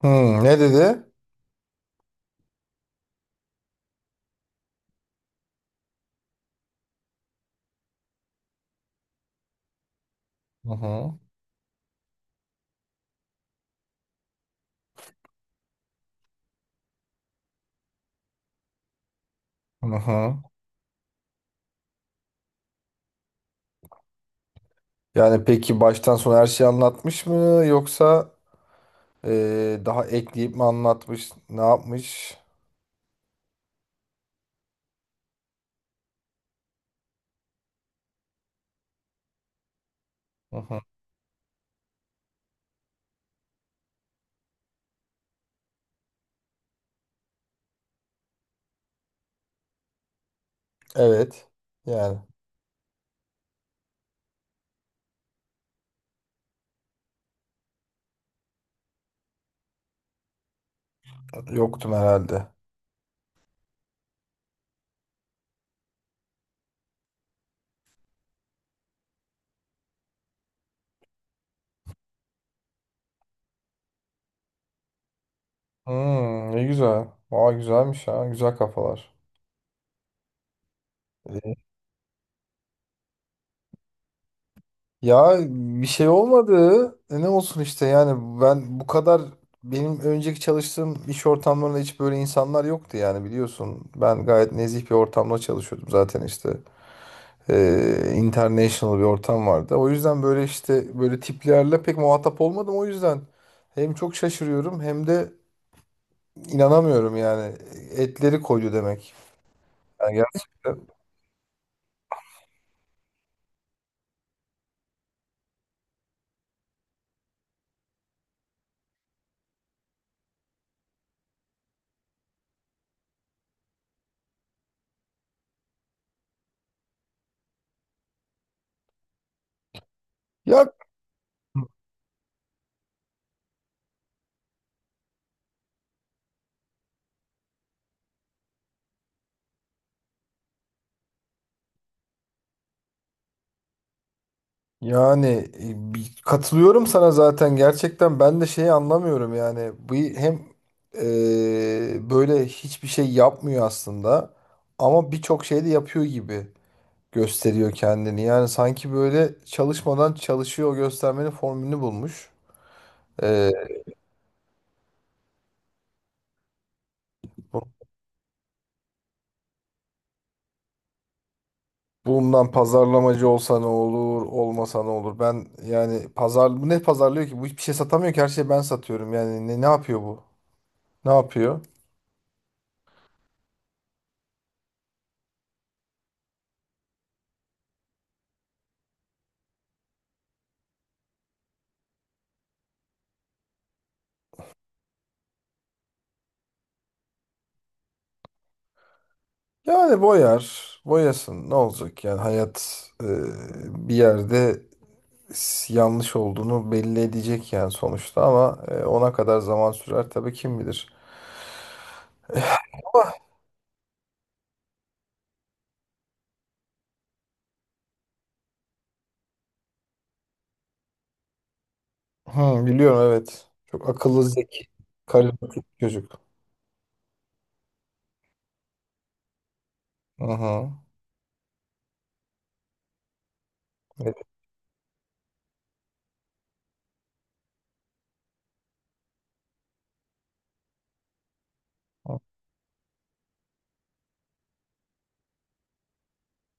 Hmm, ne dedi? Hı hı. Hı hı. Yani peki baştan sona her şeyi anlatmış mı yoksa daha ekleyip mi anlatmış? Ne yapmış? Hı hı. Evet. Yani yoktum herhalde. Hmm, ne güzel. Aa, güzelmiş ha. Güzel kafalar. Ya bir şey olmadı. Ne olsun işte yani ben bu kadar benim önceki çalıştığım iş ortamlarında hiç böyle insanlar yoktu yani biliyorsun. Ben gayet nezih bir ortamda çalışıyordum zaten işte. International bir ortam vardı. O yüzden böyle işte böyle tiplerle pek muhatap olmadım. O yüzden hem çok şaşırıyorum hem de inanamıyorum yani. Etleri koydu demek. Yani gerçekten. Ya yani Katılıyorum sana zaten, gerçekten ben de şeyi anlamıyorum yani bu hem böyle hiçbir şey yapmıyor aslında ama birçok şey de yapıyor gibi. Gösteriyor kendini. Yani sanki böyle çalışmadan çalışıyor göstermenin formülünü bulmuş. Ee, bu- Bundan pazarlamacı olsa ne olur, olmasa ne olur? Ben yani bu ne pazarlıyor ki? Bu hiçbir şey satamıyor ki, her şeyi ben satıyorum. Yani ne yapıyor bu? Ne yapıyor? Yani boyar, boyasın. Ne olacak? Yani hayat bir yerde yanlış olduğunu belli edecek yani sonuçta, ama ona kadar zaman sürer tabii, kim bilir. Hı, biliyorum, evet. Çok akıllı, zeki, karizmatik çocuk. Aha. Evet.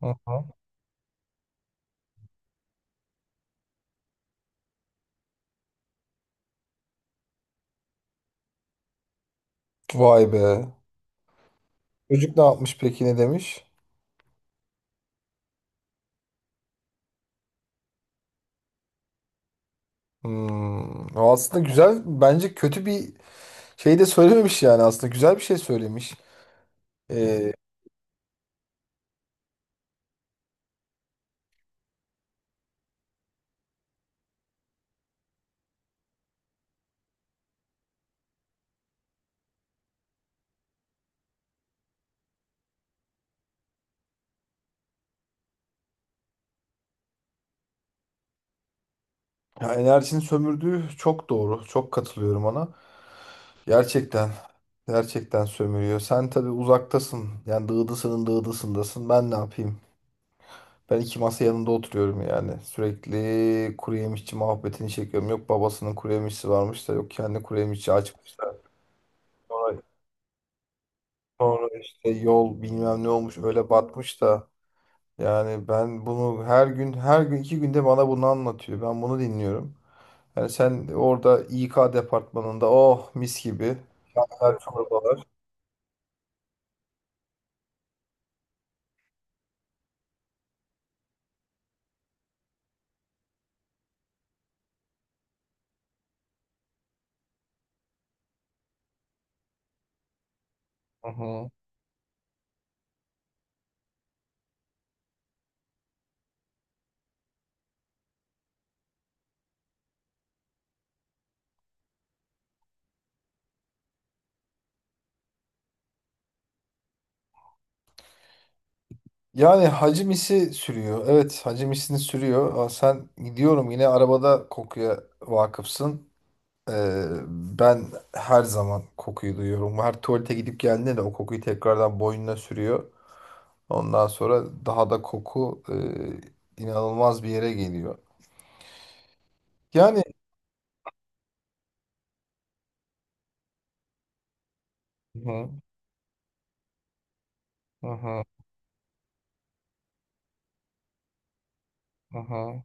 Aha. Vay be. Çocuk ne yapmış peki, ne demiş? Hmm. O aslında güzel, bence kötü bir şey de söylememiş, yani aslında güzel bir şey söylemiş. Ee, ya enerjinin sömürdüğü çok doğru. Çok katılıyorum ona. Gerçekten. Gerçekten sömürüyor. Sen tabii uzaktasın. Yani dağdasının dağdasındasın. Ben ne yapayım? Ben iki masa yanında oturuyorum yani. Sürekli kuru yemişçi muhabbetini çekiyorum. Yok babasının kuru yemişçisi varmış, da yok kendi kuru yemişçi açmışlar. Sonra, sonra, işte yol bilmem ne olmuş, öyle batmış da. Yani ben bunu her gün her gün iki günde bana bunu anlatıyor. Ben bunu dinliyorum. Yani sen orada İK departmanında oh, mis gibi. Her çorbalar. Hı hı. Yani hacimisi sürüyor. Evet, hacimisi sürüyor. Aa, sen gidiyorum yine arabada kokuya vakıfsın. Ben her zaman kokuyu duyuyorum. Her tuvalete gidip geldiğinde de o kokuyu tekrardan boynuna sürüyor. Ondan sonra daha da koku inanılmaz bir yere geliyor. Yani hı hı hı hı.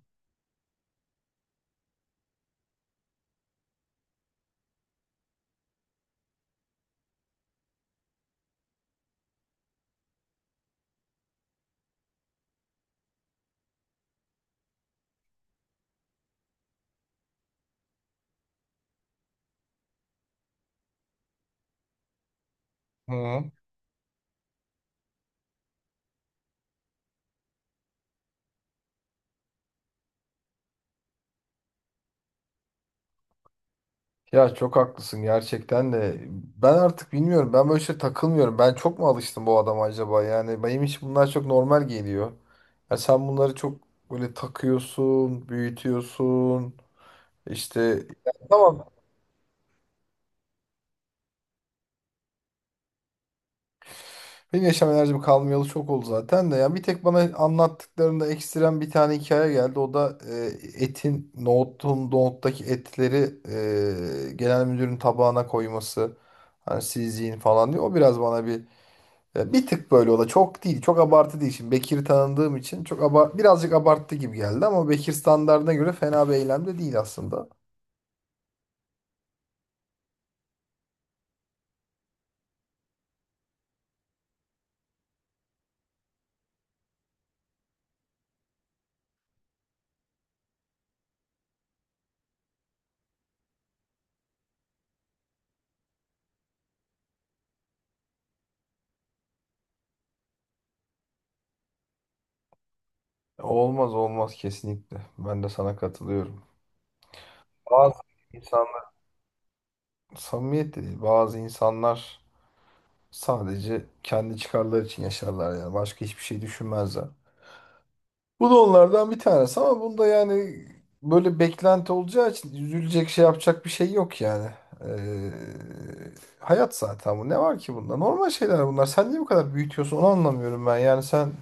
Hı. Ya çok haklısın gerçekten de. Ben artık bilmiyorum. Ben böyle şey takılmıyorum. Ben çok mu alıştım bu adama acaba? Yani benim için bunlar çok normal geliyor. Ya sen bunları çok böyle takıyorsun, büyütüyorsun. İşte. Ya tamam. Benim yaşam enerjim kalmayalı çok oldu zaten de. Yani bir tek bana anlattıklarında ekstrem bir tane hikaye geldi. O da etin, nohutun, nohuttaki etleri genel müdürün tabağına koyması. Hani siz yiyin falan diyor. O biraz bana bir tık böyle, o da çok değil. Çok abartı değil. Şimdi Bekir'i tanıdığım için çok abar birazcık abarttı gibi geldi ama Bekir standartına göre fena bir eylem de değil aslında. Olmaz olmaz, kesinlikle. Ben de sana katılıyorum. Bazı insanlar samimiyet de değil. Bazı insanlar sadece kendi çıkarları için yaşarlar yani. Başka hiçbir şey düşünmezler. Bu da onlardan bir tanesi, ama bunda yani böyle beklenti olacağı için üzülecek, şey yapacak bir şey yok yani. Ee, hayat zaten bu. Ne var ki bunda? Normal şeyler bunlar. Sen niye bu kadar büyütüyorsun onu, anlamıyorum ben. Yani sen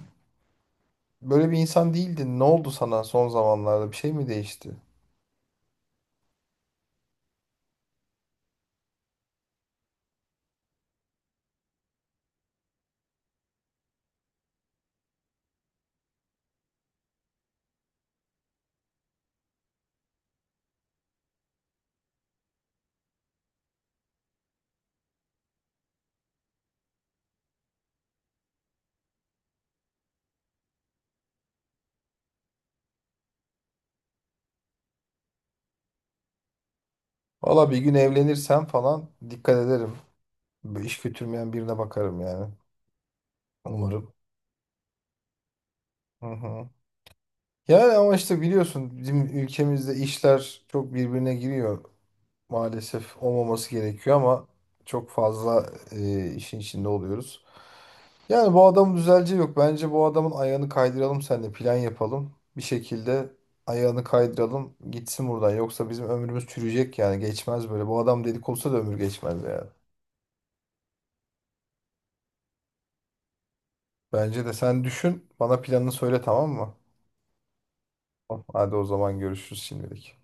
böyle bir insan değildin. Ne oldu sana son zamanlarda? Bir şey mi değişti? Valla bir gün evlenirsem falan dikkat ederim. Böyle iş götürmeyen birine bakarım yani. Umarım. Hı hı. Yani ama işte biliyorsun bizim ülkemizde işler çok birbirine giriyor. Maalesef olmaması gerekiyor ama çok fazla işin içinde oluyoruz. Yani bu adamın düzeleceği yok. Bence bu adamın ayağını kaydıralım, seninle plan yapalım. Bir şekilde ayağını kaydıralım, gitsin buradan. Yoksa bizim ömrümüz çürüyecek yani, geçmez böyle. Bu adam delik olsa da ömür geçmez yani. Bence de sen düşün, bana planını söyle, tamam mı? Hadi o zaman görüşürüz şimdilik.